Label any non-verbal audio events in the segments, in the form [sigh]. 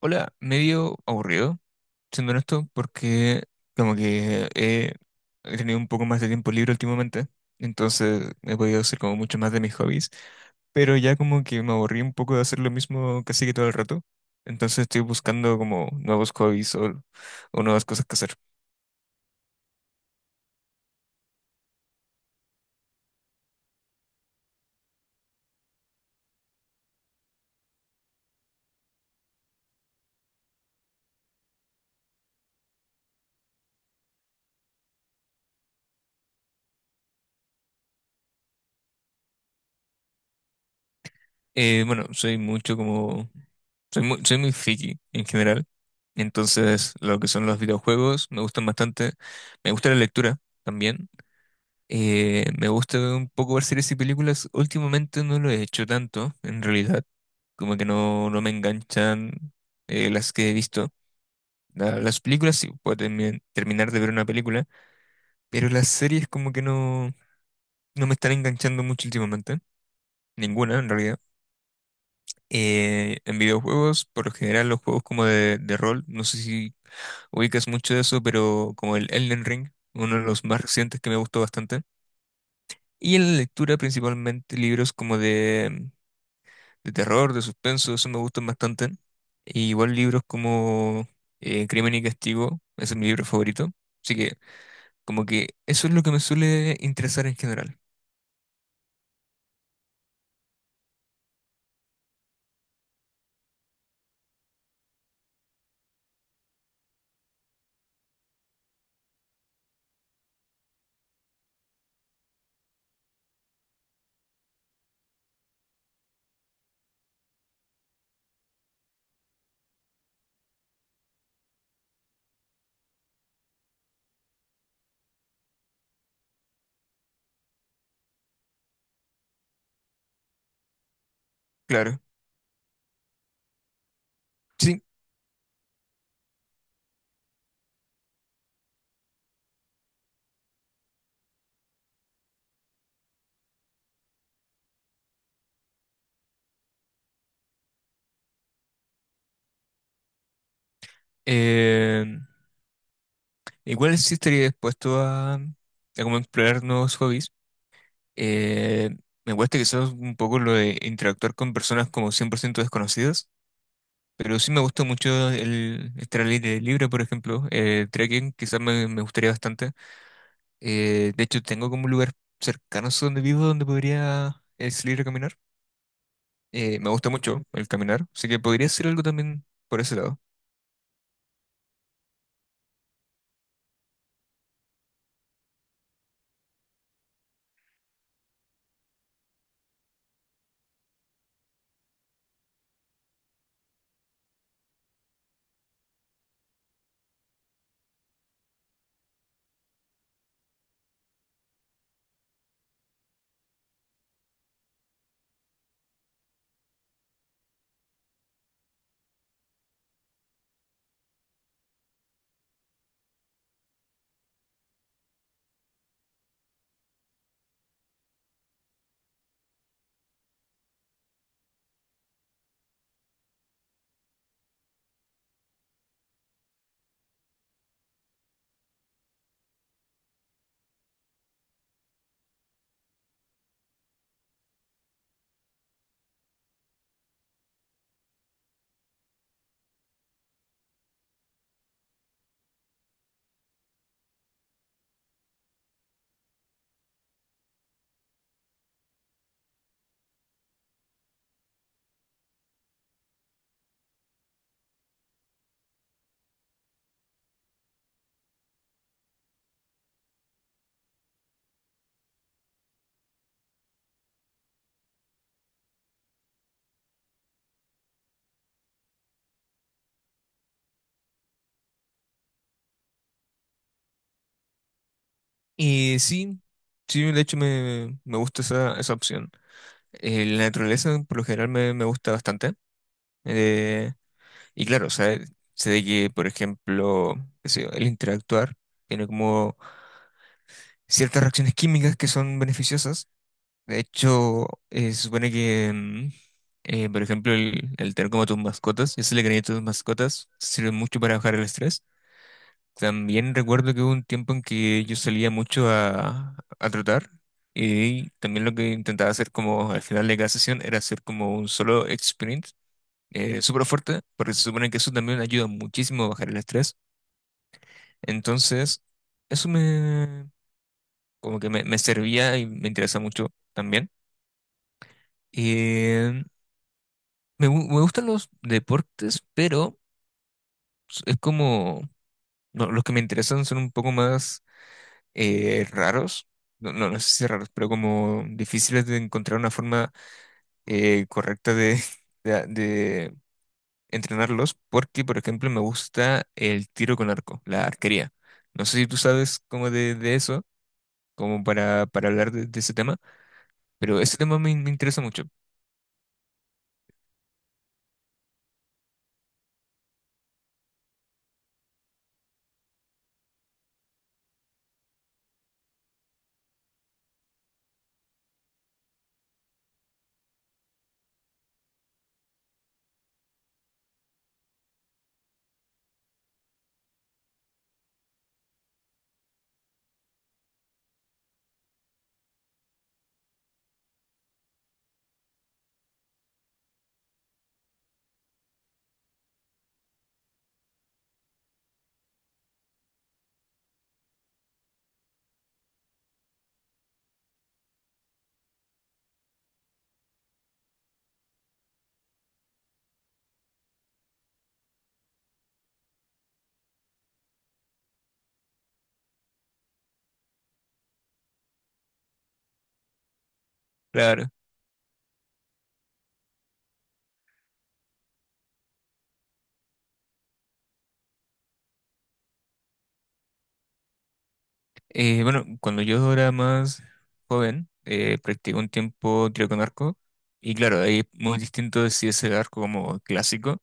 Hola, medio aburrido, siendo honesto, porque como que he tenido un poco más de tiempo libre últimamente, entonces he podido hacer como mucho más de mis hobbies, pero ya como que me aburrí un poco de hacer lo mismo casi que todo el rato, entonces estoy buscando como nuevos hobbies o nuevas cosas que hacer. Bueno, soy mucho como, soy muy friki en general, entonces lo que son los videojuegos me gustan bastante, me gusta la lectura también. Me gusta un poco ver series y películas. Últimamente no lo he hecho tanto, en realidad. Como que no, no me enganchan las que he visto. Las películas sí puedo terminar de ver una película, pero las series como que no, no me están enganchando mucho últimamente. Ninguna, en realidad. En videojuegos, por lo general, los juegos como de rol, no sé si ubicas mucho de eso, pero como el Elden Ring, uno de los más recientes que me gustó bastante. Y en la lectura principalmente libros como de terror, de suspenso, eso me gustan bastante. Y igual libros como Crimen y Castigo, ese es mi libro favorito. Así que como que eso es lo que me suele interesar en general. Claro. Sí. eh, Igual sí estaría dispuesto a como explorar nuevos hobbies. Eh, Me cuesta quizás un poco lo de interactuar con personas como 100% desconocidas, pero sí me gusta mucho el estar al aire libre, por ejemplo. Trekking quizás me gustaría bastante. De hecho, tengo como un lugar cercano a donde vivo donde podría salir a caminar. Me gusta mucho el caminar, así que podría hacer algo también por ese lado. Y sí, sí, de hecho me gusta esa, esa opción. La naturaleza por lo general me gusta bastante. Eh, y claro, o sea, sé de que, por ejemplo, qué sé yo, el interactuar tiene como ciertas reacciones químicas que son beneficiosas. De hecho, se supone que, mm, por ejemplo, el tener como tus mascotas, ese le cariño a tus mascotas, sirve mucho para bajar el estrés. También recuerdo que hubo un tiempo en que yo salía mucho a trotar y también lo que intentaba hacer como al final de cada sesión era hacer como un solo sprint súper fuerte, porque se supone que eso también ayuda muchísimo a bajar el estrés. Entonces, eso me como que me servía y me interesa mucho también. Me gustan los deportes, pero es como, no, los que me interesan son un poco más raros, no, no sé si raros, pero como difíciles de encontrar una forma correcta de, [laughs] de entrenarlos, porque por ejemplo me gusta el tiro con arco, la arquería. No sé si tú sabes como de eso, como para hablar de ese tema, pero ese tema me interesa mucho. Claro. Bueno, cuando yo era más joven, practiqué un tiempo tiro con arco. Y claro, ahí es muy distinto de si es el arco como clásico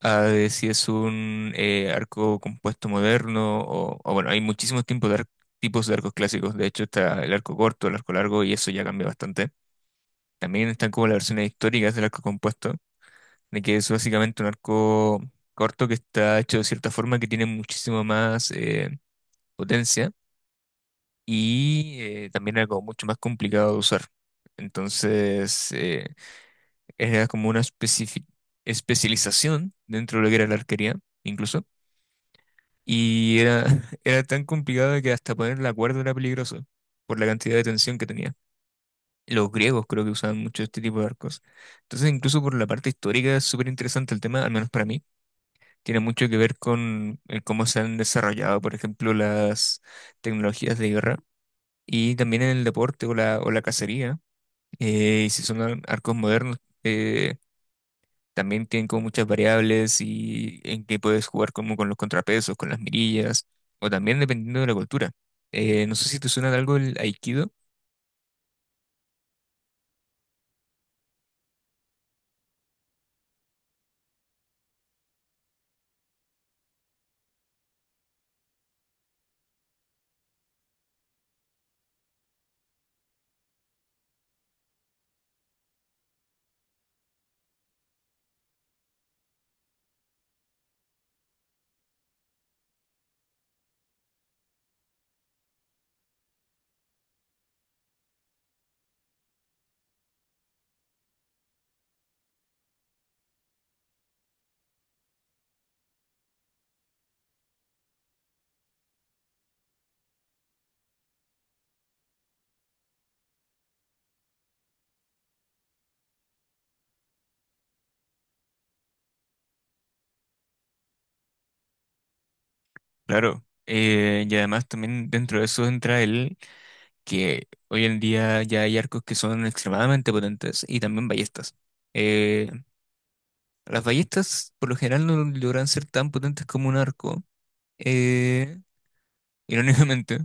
a de si es un arco compuesto moderno. O bueno, hay muchísimos tipos de, tipos de arcos clásicos. De hecho, está el arco corto, el arco largo, y eso ya cambia bastante. También están como las versiones históricas del arco compuesto, de que es básicamente un arco corto que está hecho de cierta forma que tiene muchísimo más potencia y también era como mucho más complicado de usar. Entonces, era como una especialización dentro de lo que era la arquería, incluso. Y era, [laughs] era tan complicado que hasta poner la cuerda era peligroso por la cantidad de tensión que tenía. Los griegos creo que usaban mucho este tipo de arcos. Entonces, incluso por la parte histórica es súper interesante el tema, al menos para mí. Tiene mucho que ver con el cómo se han desarrollado, por ejemplo, las tecnologías de guerra y también en el deporte o o la cacería. Y si son arcos modernos, eh, también tienen como muchas variables y en que puedes jugar como con los contrapesos, con las mirillas, o también dependiendo de la cultura. No sé si te suena de algo el aikido, claro. Y además también dentro de eso entra el que hoy en día ya hay arcos que son extremadamente potentes y también ballestas. Eh, las ballestas por lo general no logran ser tan potentes como un arco, eh, irónicamente.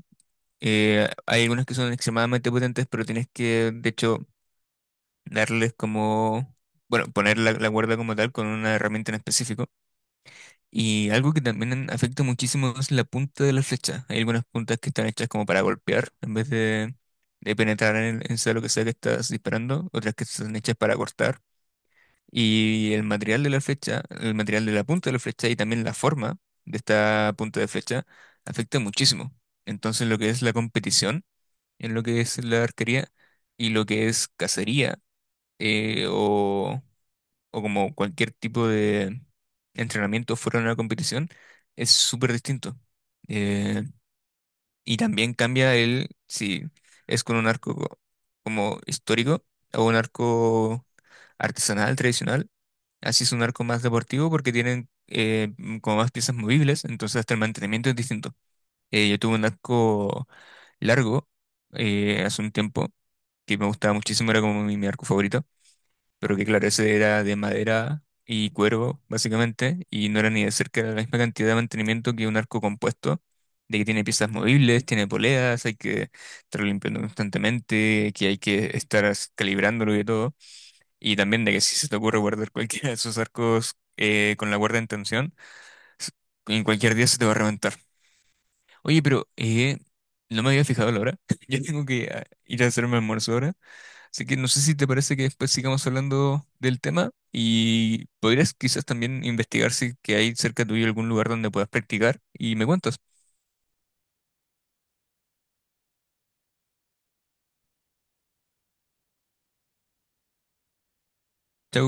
Hay algunos que son extremadamente potentes, pero tienes que, de hecho, darles como, bueno, poner la cuerda como tal con una herramienta en específico. Y algo que también afecta muchísimo es la punta de la flecha. Hay algunas puntas que están hechas como para golpear en vez de penetrar en, en sea lo que sea que estás disparando, otras que están hechas para cortar. Y el material de la flecha, el material de la punta de la flecha y también la forma de esta punta de flecha afecta muchísimo. Entonces, lo que es la competición en lo que es la arquería y lo que es cacería eh, o, o como cualquier tipo de entrenamiento fuera de una competición es súper distinto. Eh, y también cambia el si es con un arco como histórico o un arco artesanal, tradicional. Así es un arco más deportivo porque tienen como más piezas movibles, entonces hasta el mantenimiento es distinto. Yo tuve un arco largo hace un tiempo que me gustaba muchísimo, era como mi arco favorito, pero que claro, ese era de madera y cuervo, básicamente, y no era ni de cerca la misma cantidad de mantenimiento que un arco compuesto, de que tiene piezas movibles, tiene poleas, hay que estar limpiando constantemente, que hay que estar calibrándolo y de todo, y también de que si se te ocurre guardar [laughs] cualquiera de esos arcos con la guarda en tensión, s- en cualquier día se te va a reventar. Oye, pero no me había fijado la hora. [laughs] Yo tengo que ir a hacerme almuerzo ahora. Así que no sé si te parece que después sigamos hablando del tema y podrías quizás también investigar si que hay cerca tuyo algún lugar donde puedas practicar y me cuentas. Chau.